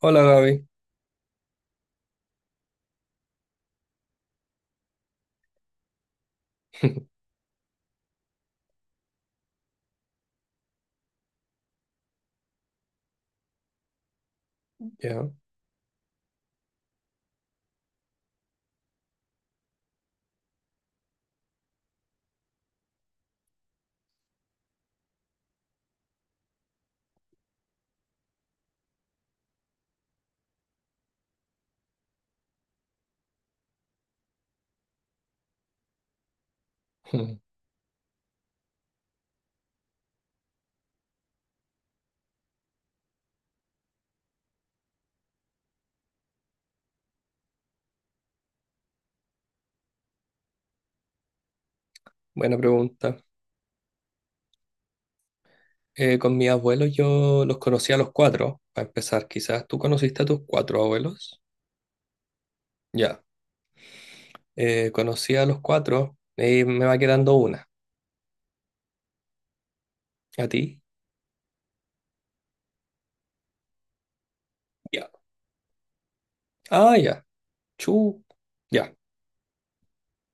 Hola Gaby. Ya. Mm, Buena pregunta. Con mis abuelos yo los conocí a los cuatro, para empezar. Quizás tú conociste a tus cuatro abuelos. Ya. Conocí a los cuatro y me va quedando una. ¿A ti? Ya. Ah, ya. Chu. Ya.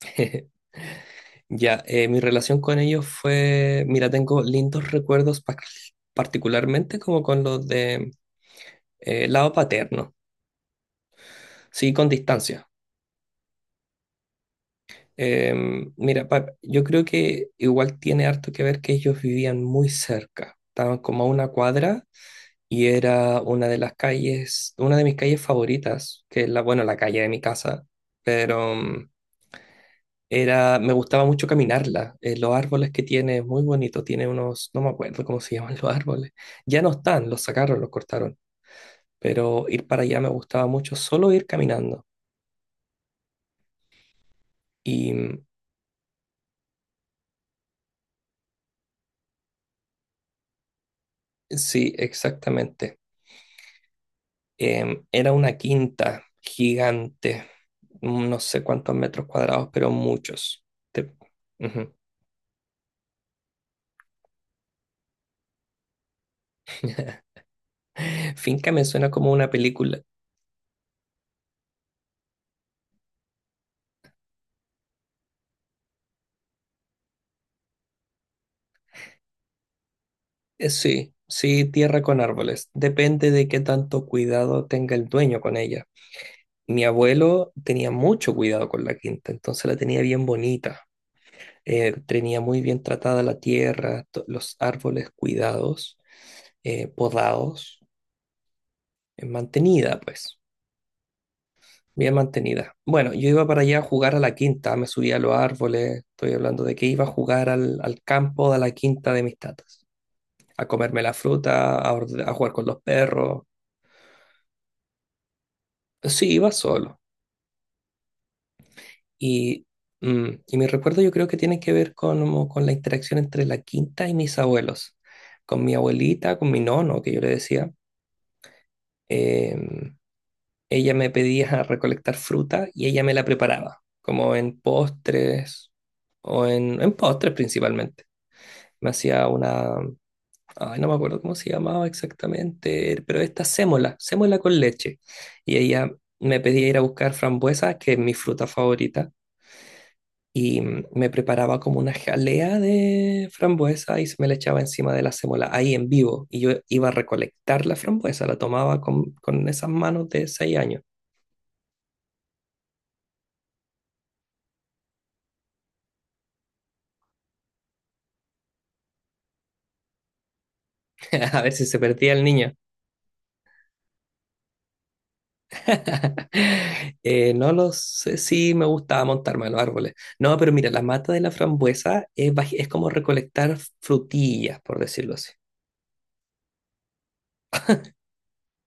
Ya. Mi relación con ellos fue, mira, tengo lindos recuerdos particularmente como con los de lado paterno. Sí, con distancia. Mira, yo creo que igual tiene harto que ver que ellos vivían muy cerca, estaban como a una cuadra y era una de las calles, una de mis calles favoritas, que es la, bueno, la calle de mi casa, pero era, me gustaba mucho caminarla, los árboles que tiene, es muy bonito, tiene unos, no me acuerdo cómo se llaman los árboles, ya no están, los sacaron, los cortaron, pero ir para allá me gustaba mucho, solo ir caminando. Y mm, sí, exactamente. Era una quinta gigante, no sé cuántos metros cuadrados, pero muchos. Te- Ujú. Finca me suena como una película. Sí, sí, tierra con árboles. Depende de qué tanto cuidado tenga el dueño con ella. Mi abuelo tenía mucho cuidado con la quinta, entonces la tenía bien bonita. Tenía muy bien tratada la tierra, los árboles cuidados, podados, mantenida, pues. Bien mantenida. Bueno, yo iba para allá a jugar a la quinta, me subí a los árboles, estoy hablando de que iba a jugar al campo de la quinta de mis tatas, a comerme la fruta, a, a jugar con los perros. Sí, iba solo. Y, y mi recuerdo yo creo que tiene que ver con, como con la interacción entre la quinta y mis abuelos, con mi abuelita, con mi nono, que yo le decía. em, Ella me pedía recolectar fruta y ella me la preparaba, como en postres en postres principalmente. Me hacía una, ay, no me acuerdo cómo se llamaba exactamente, pero esta sémola con leche. Y ella me pedía ir a buscar frambuesas, que es mi fruta favorita, me preparaba como una jalea de frambuesa y se me la echaba encima de la sémola, ahí en vivo. Y yo iba a recolectar la frambuesa, la tomaba con esas manos de 6 años, a ver si se perdía el niño. No lo sé, sí me gustaba montarme a los árboles. No, pero mira, la mata de la frambuesa es, es como recolectar frutillas, por decirlo así.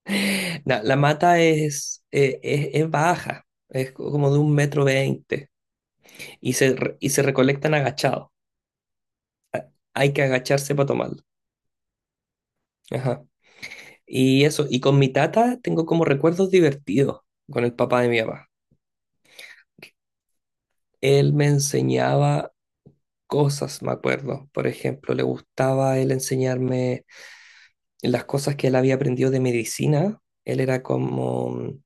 La mata es, es baja, como de 1,20 m y se recolectan agachados. Hay que agacharse para tomarlo. Ajá. Y eso, y con mi tata tengo como recuerdos divertidos con el papá de mi papá. Él me enseñaba cosas, me acuerdo. Por ejemplo, le gustaba él enseñarme las cosas que él había aprendido de medicina. Él era como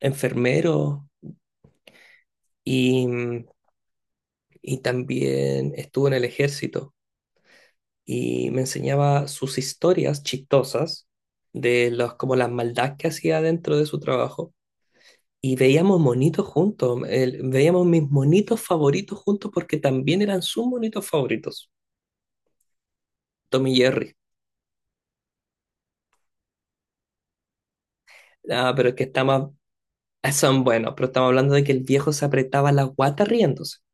enfermero y, mm, y también estuvo en el ejército y me enseñaba sus historias chistosas de como las maldades que hacía dentro de su trabajo. Y veíamos monitos juntos, veíamos mis monitos favoritos juntos porque también eran sus monitos favoritos, Tom y Jerry. Ah, pero es que está más, Son buenos, pero estamos hablando de que el viejo se apretaba la guata riéndose.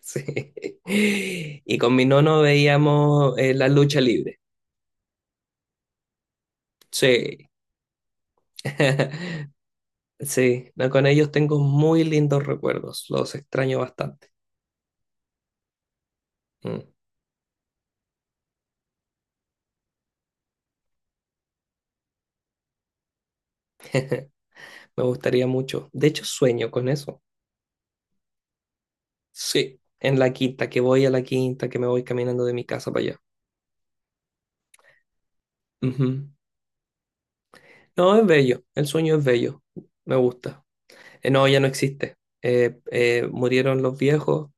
Sí. Y con mi nono veíamos la lucha libre. Sí. Sí, no, con ellos tengo muy lindos recuerdos. Los extraño bastante. Mm. Me gustaría mucho. De hecho, sueño con eso. Sí, en la quinta, que voy a la quinta, que me voy caminando de mi casa para allá. Ujú. No, es bello. El sueño es bello. Me gusta. No, ya no existe. Murieron los viejos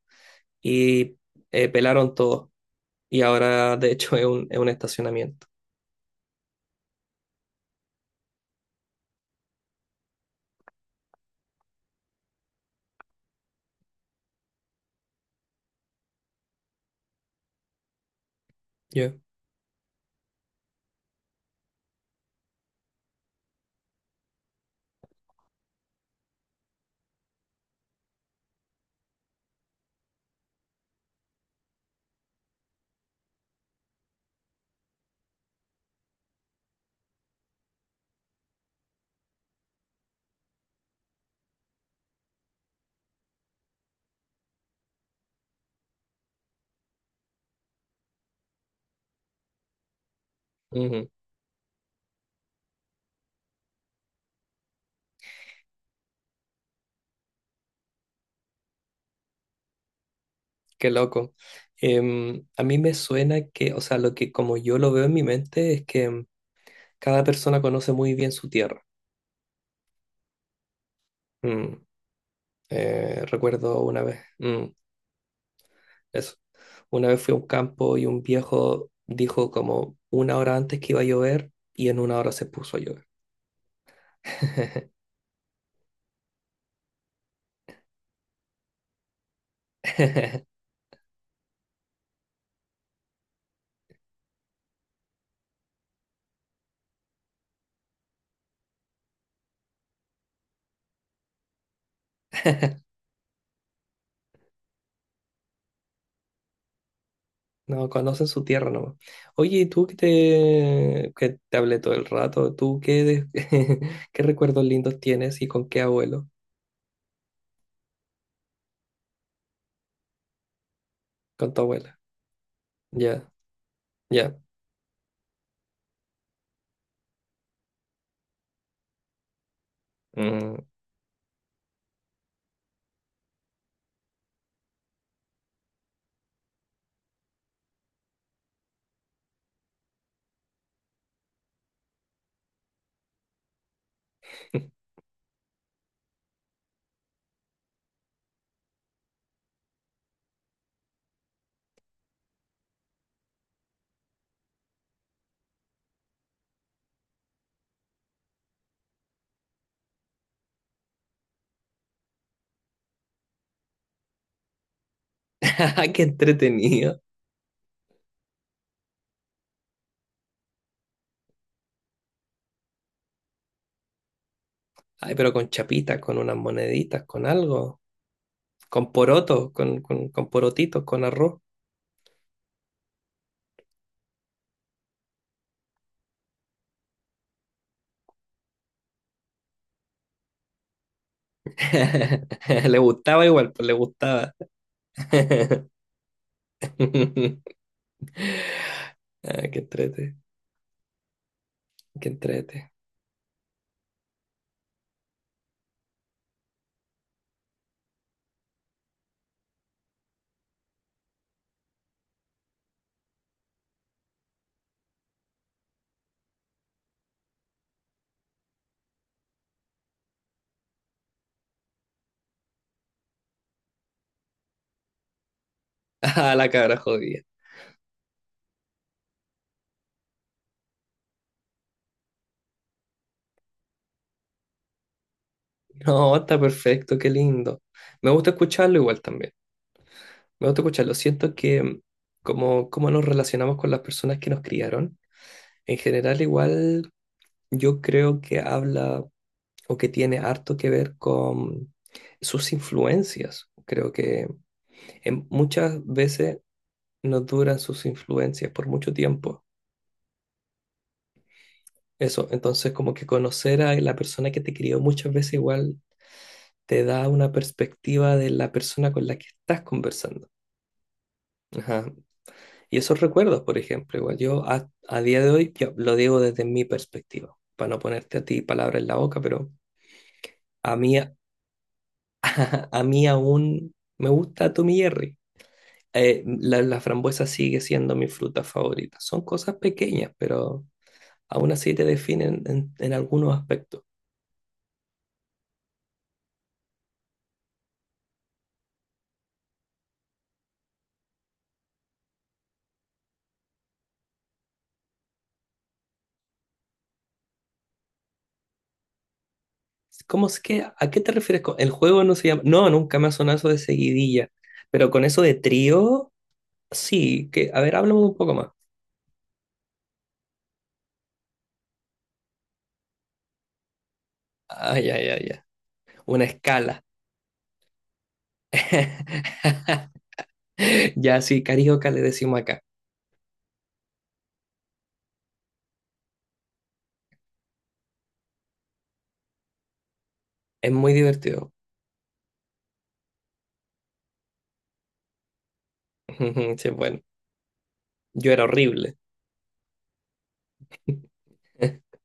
y pelaron todo. Y ahora, de hecho, es un estacionamiento. Yeah. Ujú. Qué loco. A mí me suena que, o sea, lo que como yo lo veo en mi mente es que cada persona conoce muy bien su tierra. Mm, recuerdo una vez, eso. Una vez fui a un campo y un viejo dijo como una hora antes que iba a llover y en una hora se puso a llover. No, conocen su tierra nomás. Oye, ¿y tú que te hablé todo el rato? ¿Tú qué, qué recuerdos lindos tienes y con qué abuelo? Con tu abuela. Ya, ya. Mm. Qué entretenido. Ay, pero con chapitas, con unas moneditas, con algo. Con porotos, con porotitos, con arroz. Le gustaba igual, pues le gustaba. Ah, qué entrete, qué entrete. Ah, la cabra jodida. No, está perfecto, qué lindo. Me gusta escucharlo igual también. Me gusta escucharlo. Siento que como nos relacionamos con las personas que nos criaron, en general igual yo creo que habla o que tiene harto que ver con sus influencias. Creo que muchas veces nos duran sus influencias por mucho tiempo. Eso, entonces como que conocer a la persona que te crió muchas veces igual te da una perspectiva de la persona con la que estás conversando. Ajá. Y esos recuerdos, por ejemplo, igual yo a día de hoy yo lo digo desde mi perspectiva, para no ponerte a ti palabras en la boca, pero a mí, a, a mí aún me gusta Tommy Jerry. La frambuesa sigue siendo mi fruta favorita. Son cosas pequeñas, pero aún así te definen en algunos aspectos. ¿Cómo es que, a qué te refieres con el juego no se llama? No, nunca me ha sonado eso de seguidilla, pero con eso de trío, sí, que, a ver, háblame un poco más. Ay, ay, ay, ay. Una escala. Ya sí, carioca le decimos acá. Es muy divertido. Sí, bueno, yo era horrible.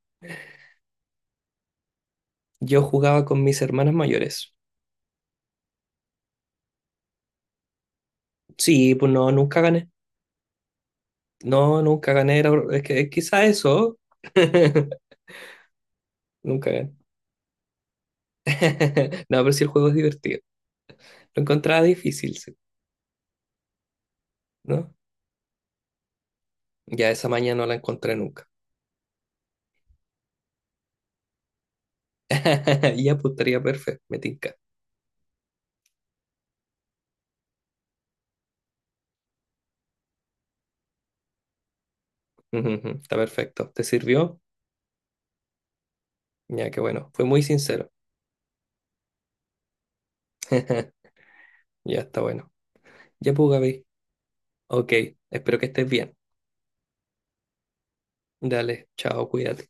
Yo jugaba con mis hermanas mayores. Sí, pues no, nunca gané. No, nunca gané. Era es que es quizá eso. Nunca gané. No, pero sí el juego es divertido. Lo encontraba difícil, sí, ¿no? Ya esa mañana no la encontré nunca. Y apuntaría perfecto, me tinca. Ujú, ujú. Está perfecto. ¿Te sirvió? Ya, qué bueno. Fue muy sincero. Ya está bueno. Ya pues, Gaby. Ok, espero que estés bien. Dale, chao, cuídate.